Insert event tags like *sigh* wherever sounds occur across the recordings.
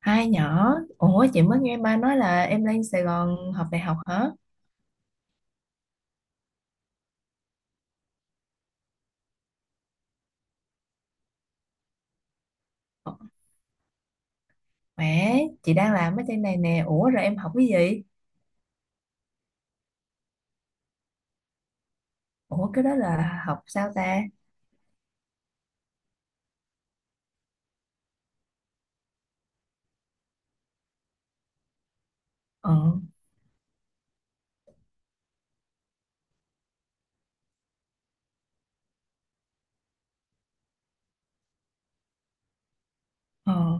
Hai nhỏ, ủa chị mới nghe ba nói là em lên Sài Gòn học đại học hả? Mẹ, chị đang làm ở trên này nè, ủa rồi em học cái gì? Ủa cái đó là học sao ta? Ờ, ờ.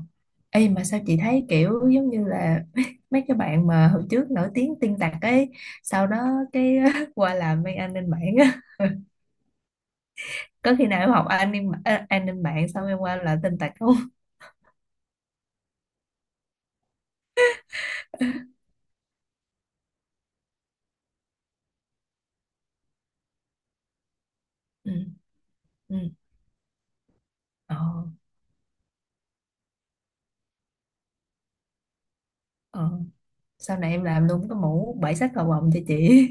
Ê mà sao chị thấy kiểu giống như là *laughs* mấy cái bạn mà hồi trước nổi tiếng tin tặc ấy, sau đó cái *laughs* qua làm bên an ninh mạng á. Có khi nào em học an ninh mạng xong em qua làm tin tặc không? Ừ, ừ, ờ, ờ. Sau này em làm luôn cái mũ bảy sắc cầu vồng cho chị.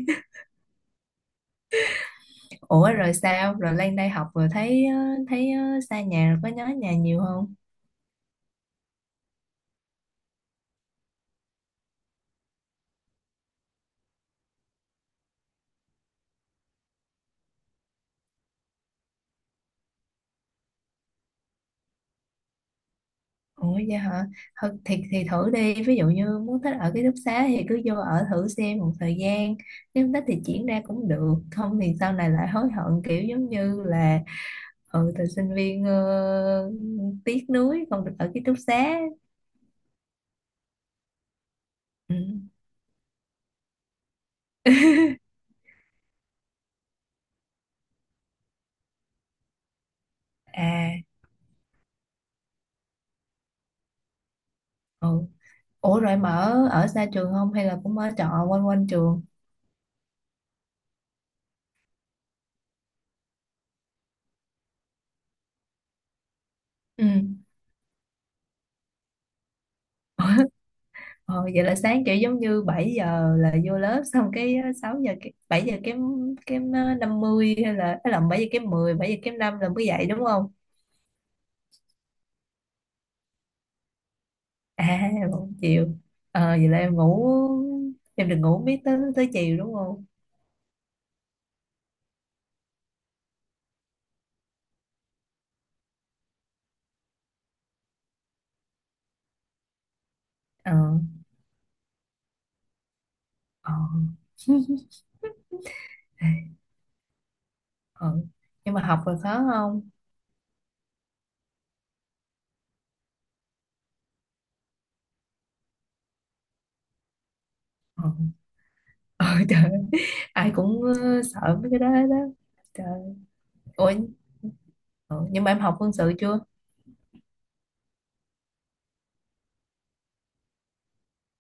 Ủa rồi sao? Rồi lên đây học rồi thấy xa nhà rồi có nhớ nhà nhiều không? Ủa vậy hả? Thôi, thì thử đi, ví dụ như muốn thích ở ký túc xá thì cứ vô ở thử xem một thời gian. Nếu không thích thì chuyển ra cũng được, không thì sau này lại hối hận kiểu giống như là từ sinh viên tiếc nuối không được ở ký túc xá. Ừ. À, ừ. Ủa rồi mà ở ở xa trường không hay là cũng ở trọ quanh quanh trường? Ừ. *laughs* Ờ, vậy là sáng kiểu giống như 7 giờ là vô lớp, *laughs* xong cái 6 giờ cái 7 giờ kém kém 50 hay là 7 giờ kém năm là mới dậy đúng không? À, *laughs* một chiều. Ờ vậy là em ngủ em được ngủ miết tới tới chiều đúng không? Ờ ờ ê, ờ nhưng mà học là khó không? Ờ ờ *laughs* trời ơi, ai cũng sợ mấy cái đó đó. Trời ơi. Ủa nhưng mà em học quân sự chưa?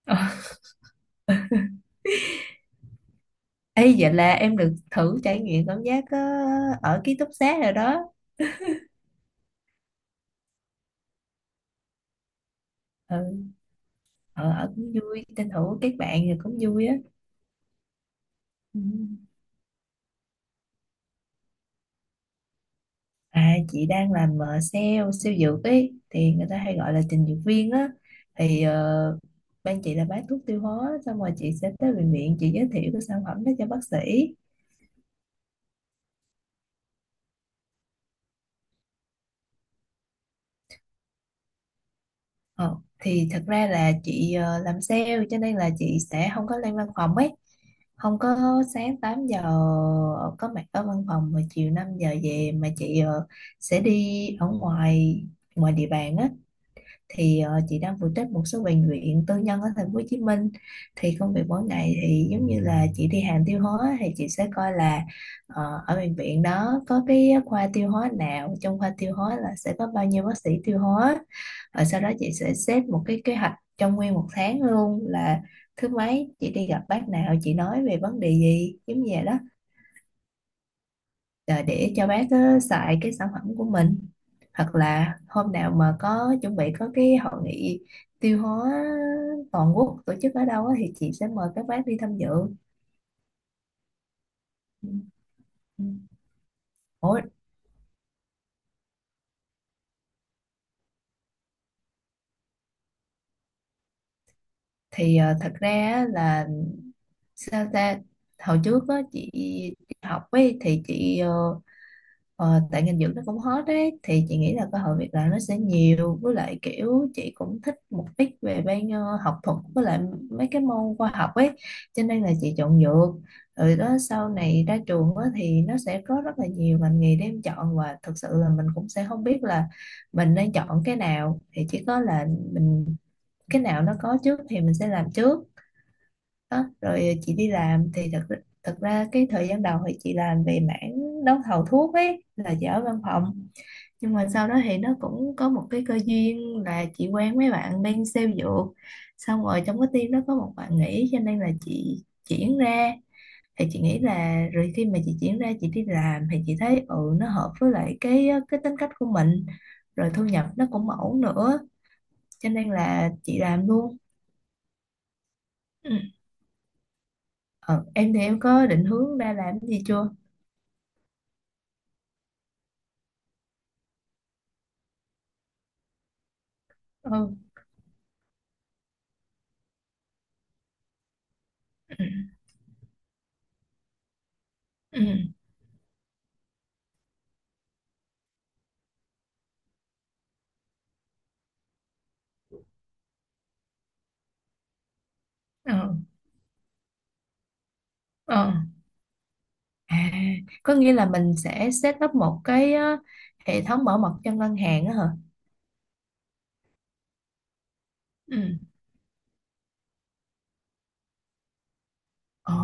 *laughs* Ê, vậy là em được thử trải nghiệm cảm giác ở ký túc xá rồi đó. ừ, ở cũng vui, tranh thủ kết bạn rồi cũng vui á. Ừ. À, chị đang làm sale sale dược ấy thì người ta hay gọi là trình dược viên á. Thì ban chị là bán thuốc tiêu hóa, xong rồi chị sẽ tới bệnh viện chị giới thiệu cái sản phẩm đó cho bác sĩ. Ờ, thì thật ra là chị làm sale cho nên là chị sẽ không có lên văn phòng ấy, không có sáng 8 giờ có mặt ở văn phòng mà chiều 5 giờ về, mà chị sẽ đi ở ngoài ngoài địa bàn á. Thì chị đang phụ trách một số bệnh viện tư nhân ở thành phố Hồ Chí Minh. Thì công việc mỗi ngày thì giống như là chị đi hàng tiêu hóa thì chị sẽ coi là ở bệnh viện đó có cái khoa tiêu hóa nào, trong khoa tiêu hóa là sẽ có bao nhiêu bác sĩ tiêu hóa, rồi sau đó chị sẽ xếp một cái kế hoạch trong nguyên một tháng luôn, là thứ mấy chị đi gặp bác nào, chị nói về vấn đề gì, giống như vậy đó. Ờ, để cho bác xài cái sản phẩm của mình, hoặc là hôm nào mà có chuẩn bị có cái hội nghị tiêu hóa toàn quốc tổ chức ở đâu á, thì chị sẽ mời các bác đi tham dự. Ừ. Ừ. Ủa, thì thật ra á là sao ta, hồi trước á, chị đi học ấy, thì chị tại ngành dưỡng nó cũng hot đấy, thì chị nghĩ là cơ hội việc làm nó sẽ nhiều, với lại kiểu chị cũng thích một ít về bên học thuật với lại mấy cái môn khoa học ấy, cho nên là chị chọn dược. Rồi đó sau này ra trường á, thì nó sẽ có rất là nhiều ngành nghề để em chọn, và thực sự là mình cũng sẽ không biết là mình nên chọn cái nào, thì chỉ có là mình cái nào nó có trước thì mình sẽ làm trước. Đó rồi chị đi làm thì thật thật ra cái thời gian đầu thì chị làm về mảng đấu thầu thuốc ấy là chị ở văn phòng. Nhưng mà sau đó thì nó cũng có một cái cơ duyên là chị quen mấy bạn bên sale dược, xong rồi trong cái team đó có một bạn nghỉ cho nên là chị chuyển ra. Thì chị nghĩ là rồi khi mà chị chuyển ra chị đi làm thì chị thấy nó hợp với lại cái tính cách của mình, rồi thu nhập nó cũng ổn nữa, cho nên là chị làm luôn. Ừ. Ờ, em thì em có định hướng ra làm cái gì chưa? Ừ, ừ, ừ, ừ. À, có nghĩa là mình sẽ set up một cái hệ thống bảo mật cho ngân hàng á hả? Ừ. Ồ.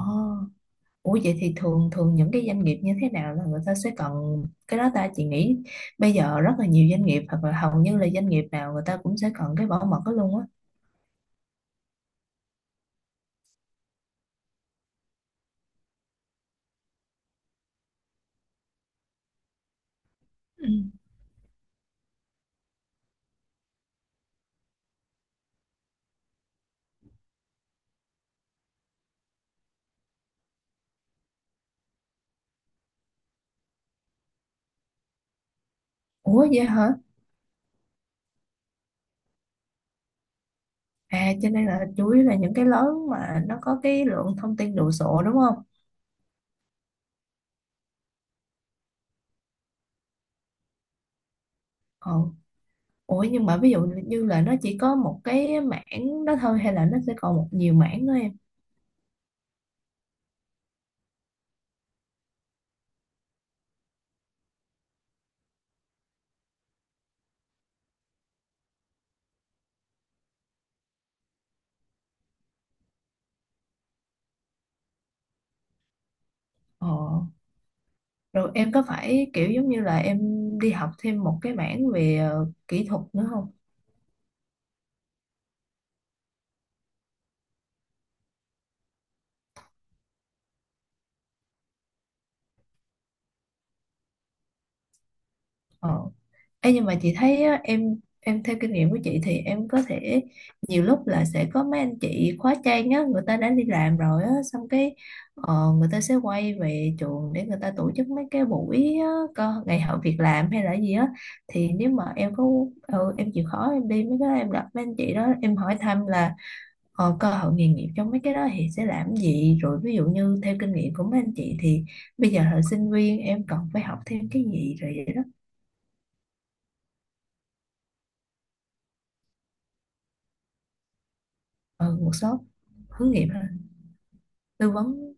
Ủa vậy thì thường thường những cái doanh nghiệp như thế nào là người ta sẽ cần cái đó ta, chị nghĩ bây giờ rất là nhiều doanh nghiệp hoặc là hầu như là doanh nghiệp nào người ta cũng sẽ cần cái bảo mật đó luôn á. Ừ. Ủa vậy hả? À, cho nên là chủ yếu là những cái lớn mà nó có cái lượng thông tin đồ sộ đúng không? Ừ. Ủa nhưng mà ví dụ như là nó chỉ có một cái mảng đó thôi hay là nó sẽ còn một nhiều mảng nữa em? Ờ. Rồi em có phải kiểu giống như là em đi học thêm một cái mảng về kỹ thuật nữa không? Ờ. Ê, nhưng mà chị thấy á, em theo kinh nghiệm của chị thì em có thể nhiều lúc là sẽ có mấy anh chị khóa trang á, người ta đã đi làm rồi á, xong cái người ta sẽ quay về trường để người ta tổ chức mấy cái buổi á, ngày hội việc làm hay là gì á. Thì nếu mà em có em chịu khó em đi mấy cái đó, em gặp mấy anh chị đó em hỏi thăm là cơ hội nghề nghiệp trong mấy cái đó thì sẽ làm gì, rồi ví dụ như theo kinh nghiệm của mấy anh chị thì bây giờ là sinh viên em cần phải học thêm cái gì, rồi vậy đó. Ừ, workshop hướng nghiệp hả? Tư vấn.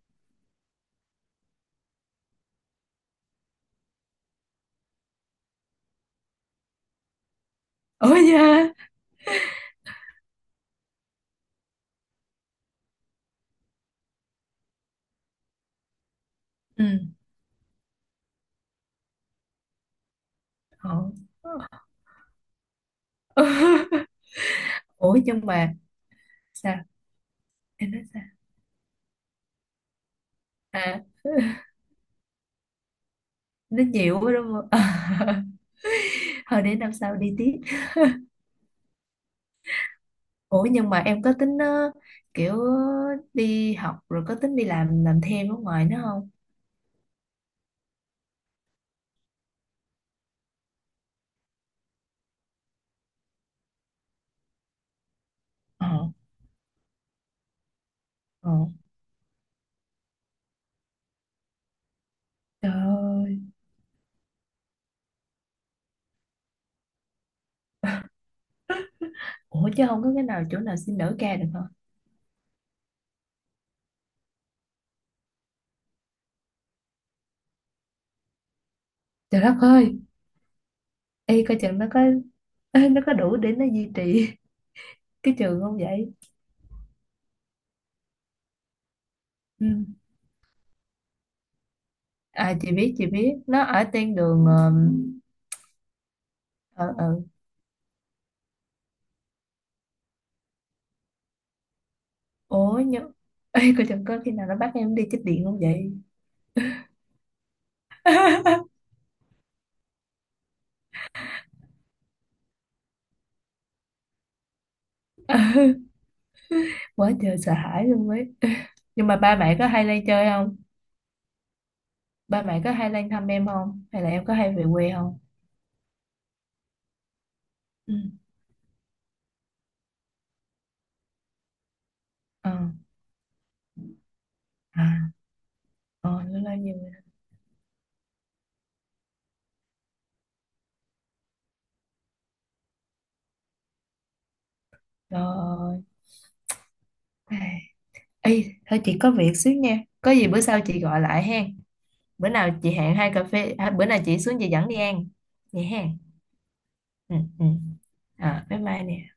Ủa da. Ừ, họ. *laughs* Ủa nhưng mà sao em nói sao, à nó nhiều quá đúng không? *laughs* Thôi để năm sau đi tiếp. Ủa nhưng mà em có tính kiểu đi học rồi có tính đi làm thêm ở ngoài nữa không? ờ ờ trời ơi. Ủa chứ không có cái nào chỗ nào xin đỡ ca được hả? Trời đất ơi. Y coi chừng nó có *laughs* nó có đủ để nó duy trì *laughs* cái trường không vậy? Ừ. À, chị biết nó ở tên đường ở ở. Ối nhớ. *laughs* Ê, cô chẳng có khi nào nó bắt em đi chích điện không vậy? *laughs* Quá trời sợ hãi luôn ấy. *laughs* Nhưng mà ba mẹ có hay lên chơi không? Ba mẹ có hay lên thăm em không hay là em có hay về quê không? Ừ. Ờ. À. ờ nó nói nhiều rồi. Ê, thôi chị có việc xíu nha, có gì bữa sau chị gọi lại hen. Bữa nào chị hẹn hai cà phê, à bữa nào chị xuống chị dẫn đi ăn vậy hen. Ừ, ừ. À, bye bye nè.